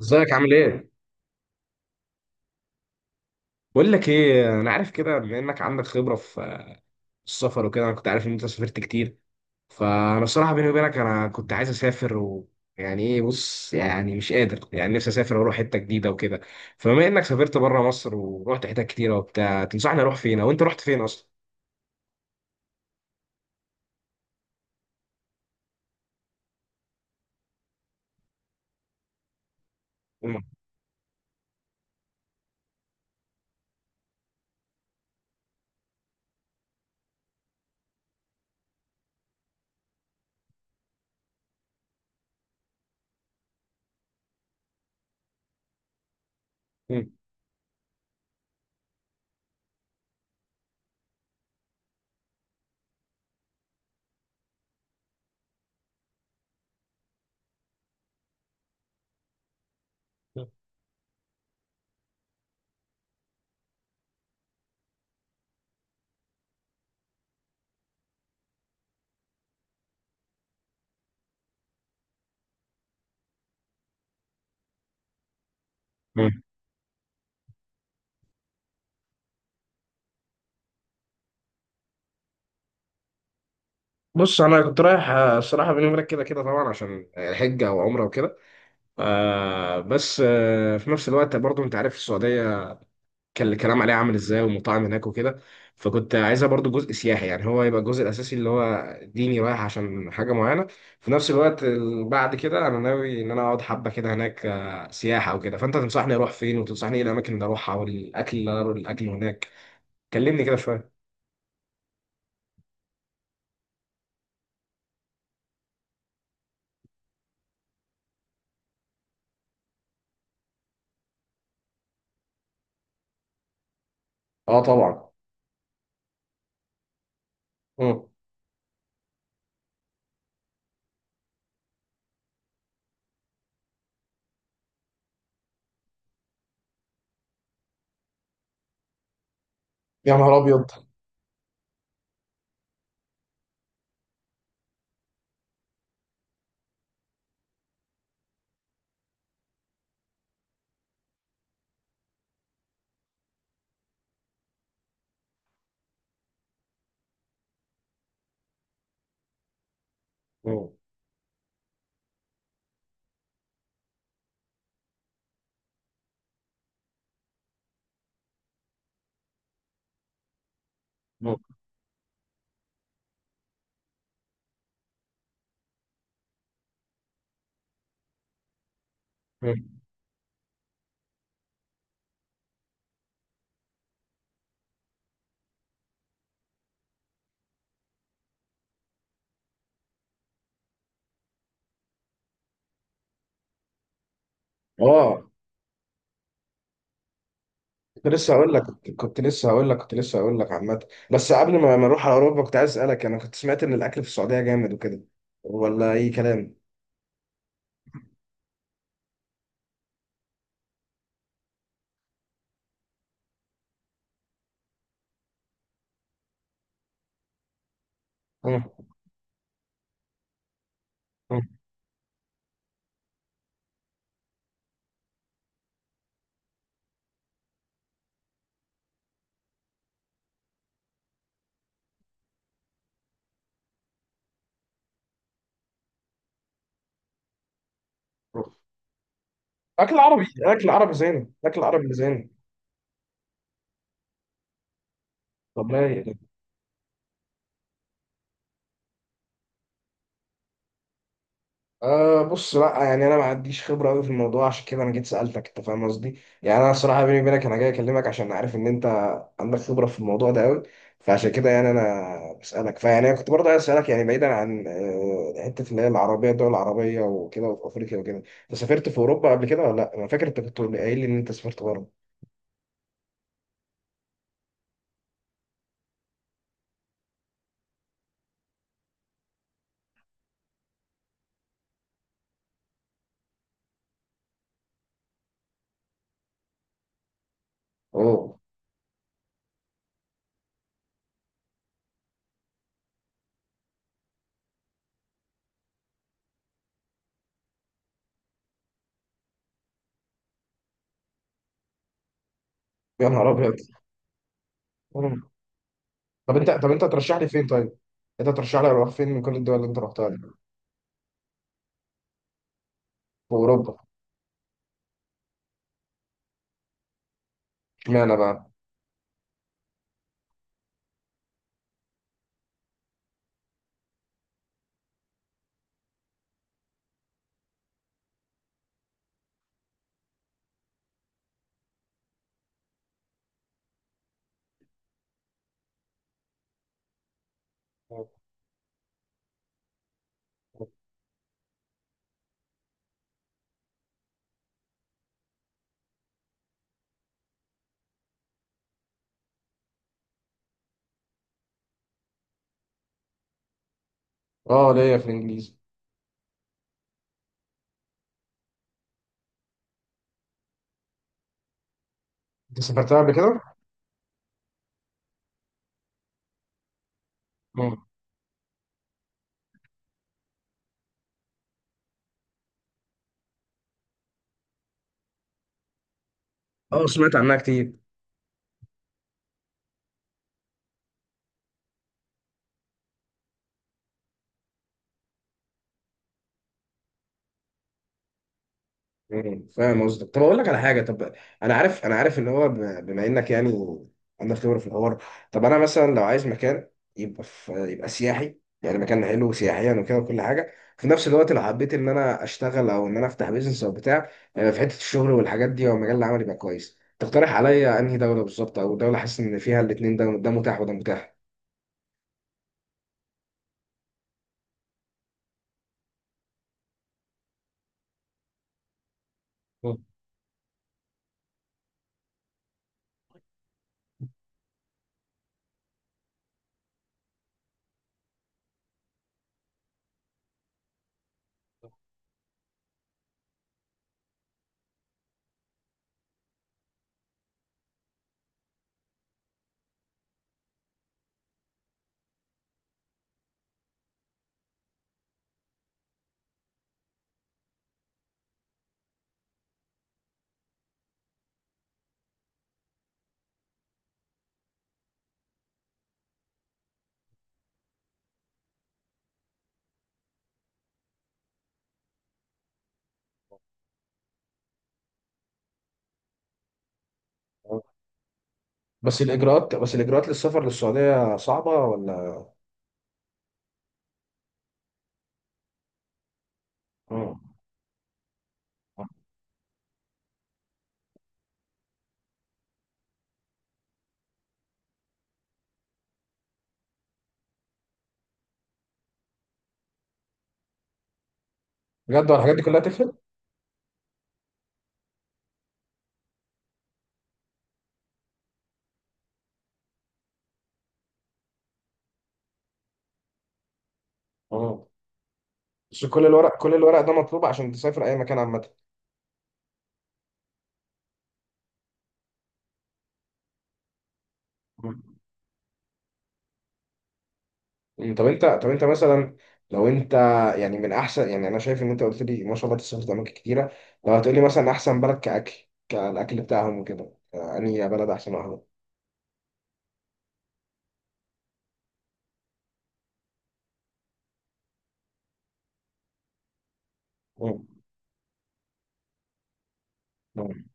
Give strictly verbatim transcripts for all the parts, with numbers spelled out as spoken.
ازيك عامل ايه؟ بقول لك ايه، انا عارف كده. بما انك عندك خبره في السفر وكده، انا كنت عارف ان انت سافرت كتير. فانا الصراحه بيني وبينك انا كنت عايز اسافر. ويعني ايه، بص، يعني مش قادر، يعني نفسي اسافر واروح حته جديده وكده. فبما انك سافرت بره مصر ورحت حتت كتيره وبتاع، تنصحني اروح فين؟ او انت رحت فين اصلا؟ مم. مم. مم. بص انا كنت رايح، آه، الصراحه بيني وبينك كده كده طبعا عشان الحجه وعمره وكده. آه بس آه في نفس الوقت برضو انت عارف السعوديه كان الكلام عليه عامل ازاي والمطاعم هناك وكده. فكنت عايزها برضو جزء سياحي، يعني هو يبقى الجزء الاساسي اللي هو ديني، رايح عشان حاجه معينه. في نفس الوقت ال- بعد كده انا ناوي ان انا اقعد حبه كده هناك، آه، سياحه وكده. فانت تنصحني اروح فين، وتنصحني ايه الاماكن اللي اروحها، والاكل اللي أنا- الاكل هناك. كلمني كده شويه. اه طبعا. مم. يا نهار ابيض. مم. مم. مم. اه. كنت لسه هقول لك كنت لسه هقول لك كنت لسه هقول لك عامة. بس قبل ما ما نروح على أوروبا كنت عايز أسألك، أنا كنت سمعت إن الأكل في السعودية جامد وكده، ولا أي كلام؟ مم. مم. أكل عربي، أكل عربي زين أكل عربي زين. والله أه، بص، لا يعني انا ما عنديش خبره قوي في الموضوع، عشان كده انا جيت سالتك. انت فاهم قصدي؟ يعني انا صراحه بيني وبينك انا جاي اكلمك عشان عارف ان انت عندك خبره في الموضوع ده قوي. فعشان كده يعني انا بسالك. فيعني أنا كنت برضه عايز اسالك، يعني بعيدا عن آه، حته اللي هي العربيه، الدول العربيه وكده، وفي افريقيا وكده، انت سافرت في اوروبا قبل كده ولا لا؟ انا فاكر انت كنت قايل لي ان انت سافرت بره. اوه. يا نهار ابيض. مم. طب انت، طب انت ترشح لي فين؟ طيب انت ترشح لي اروح فين من كل الدول اللي انت رحتها دي؟ في اوروبا. اشمعنى بقى؟ اه، ليا في الانجليزي. انت سافرتها قبل كده؟ مم. اه سمعت عنها كتير. مم، فاهم قصدك. طب اقول لك على حاجه. طب انا عارف، انا عارف ان هو ب- بما انك يعني عندك خبره في الحوار. طب انا مثلا لو عايز مكان يبقى في يبقى سياحي، يعني مكان حلو سياحيا وكده وكل حاجه، في نفس الوقت لو حبيت ان انا اشتغل او ان انا افتح بيزنس او بتاع، آه، في حته الشغل والحاجات دي او مجال العمل يبقى كويس، تقترح عليا انهي دوله بالظبط؟ او دوله حاسس ان فيها الاثنين ده ده متاح وده متاح. مم. بس الاجراءات، بس الاجراءات للسفر للسعوديه صعبه ولا؟ مم. بجد هو الحاجات دي كلها تفرق؟ اه. بس كل الورق، كل الورق ده مطلوب عشان تسافر اي مكان عامه؟ أمم، طب انت، طب انت مثلا لو انت يعني، من احسن، يعني انا شايف ان انت قلت لي ما شاء الله تسافر اماكن كتيره. لو هتقول لي مثلا احسن بلد كاكل، كالاكل بتاعهم وكده، آه، انهي بلد احسن واحده؟ مم.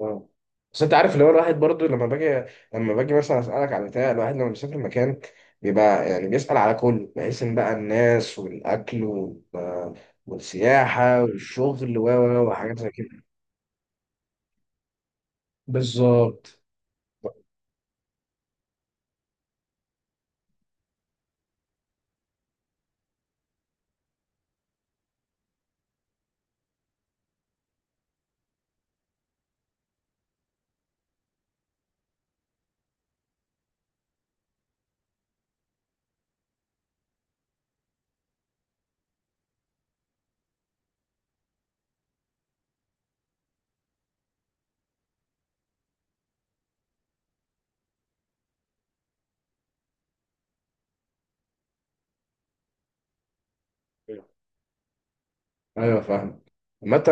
اه بس انت عارف اللي هو الواحد برضو لما باجي، لما باجي مثلا اسالك على بتاع، الواحد لما بيسافر مكان بيبقى يعني بيسال على كل بحيث ان بقى الناس والاكل وال- والسياحه والشغل و و وحاجات زي كده. بالظبط. ايوه فاهم. عامة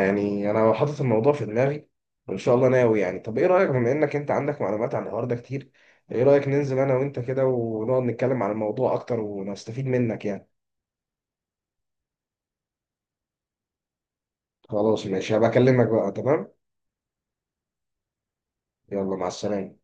يعني انا حاطط الموضوع في دماغي وان شاء الله ناوي. يعني طب ايه رايك، بما انك انت عندك معلومات عن الحوار ده كتير، ايه رايك ننزل انا وانت كده ونقعد نتكلم عن الموضوع اكتر ونستفيد منك يعني؟ خلاص ماشي، هبقى اكلمك بقى. تمام. يلا مع السلامة.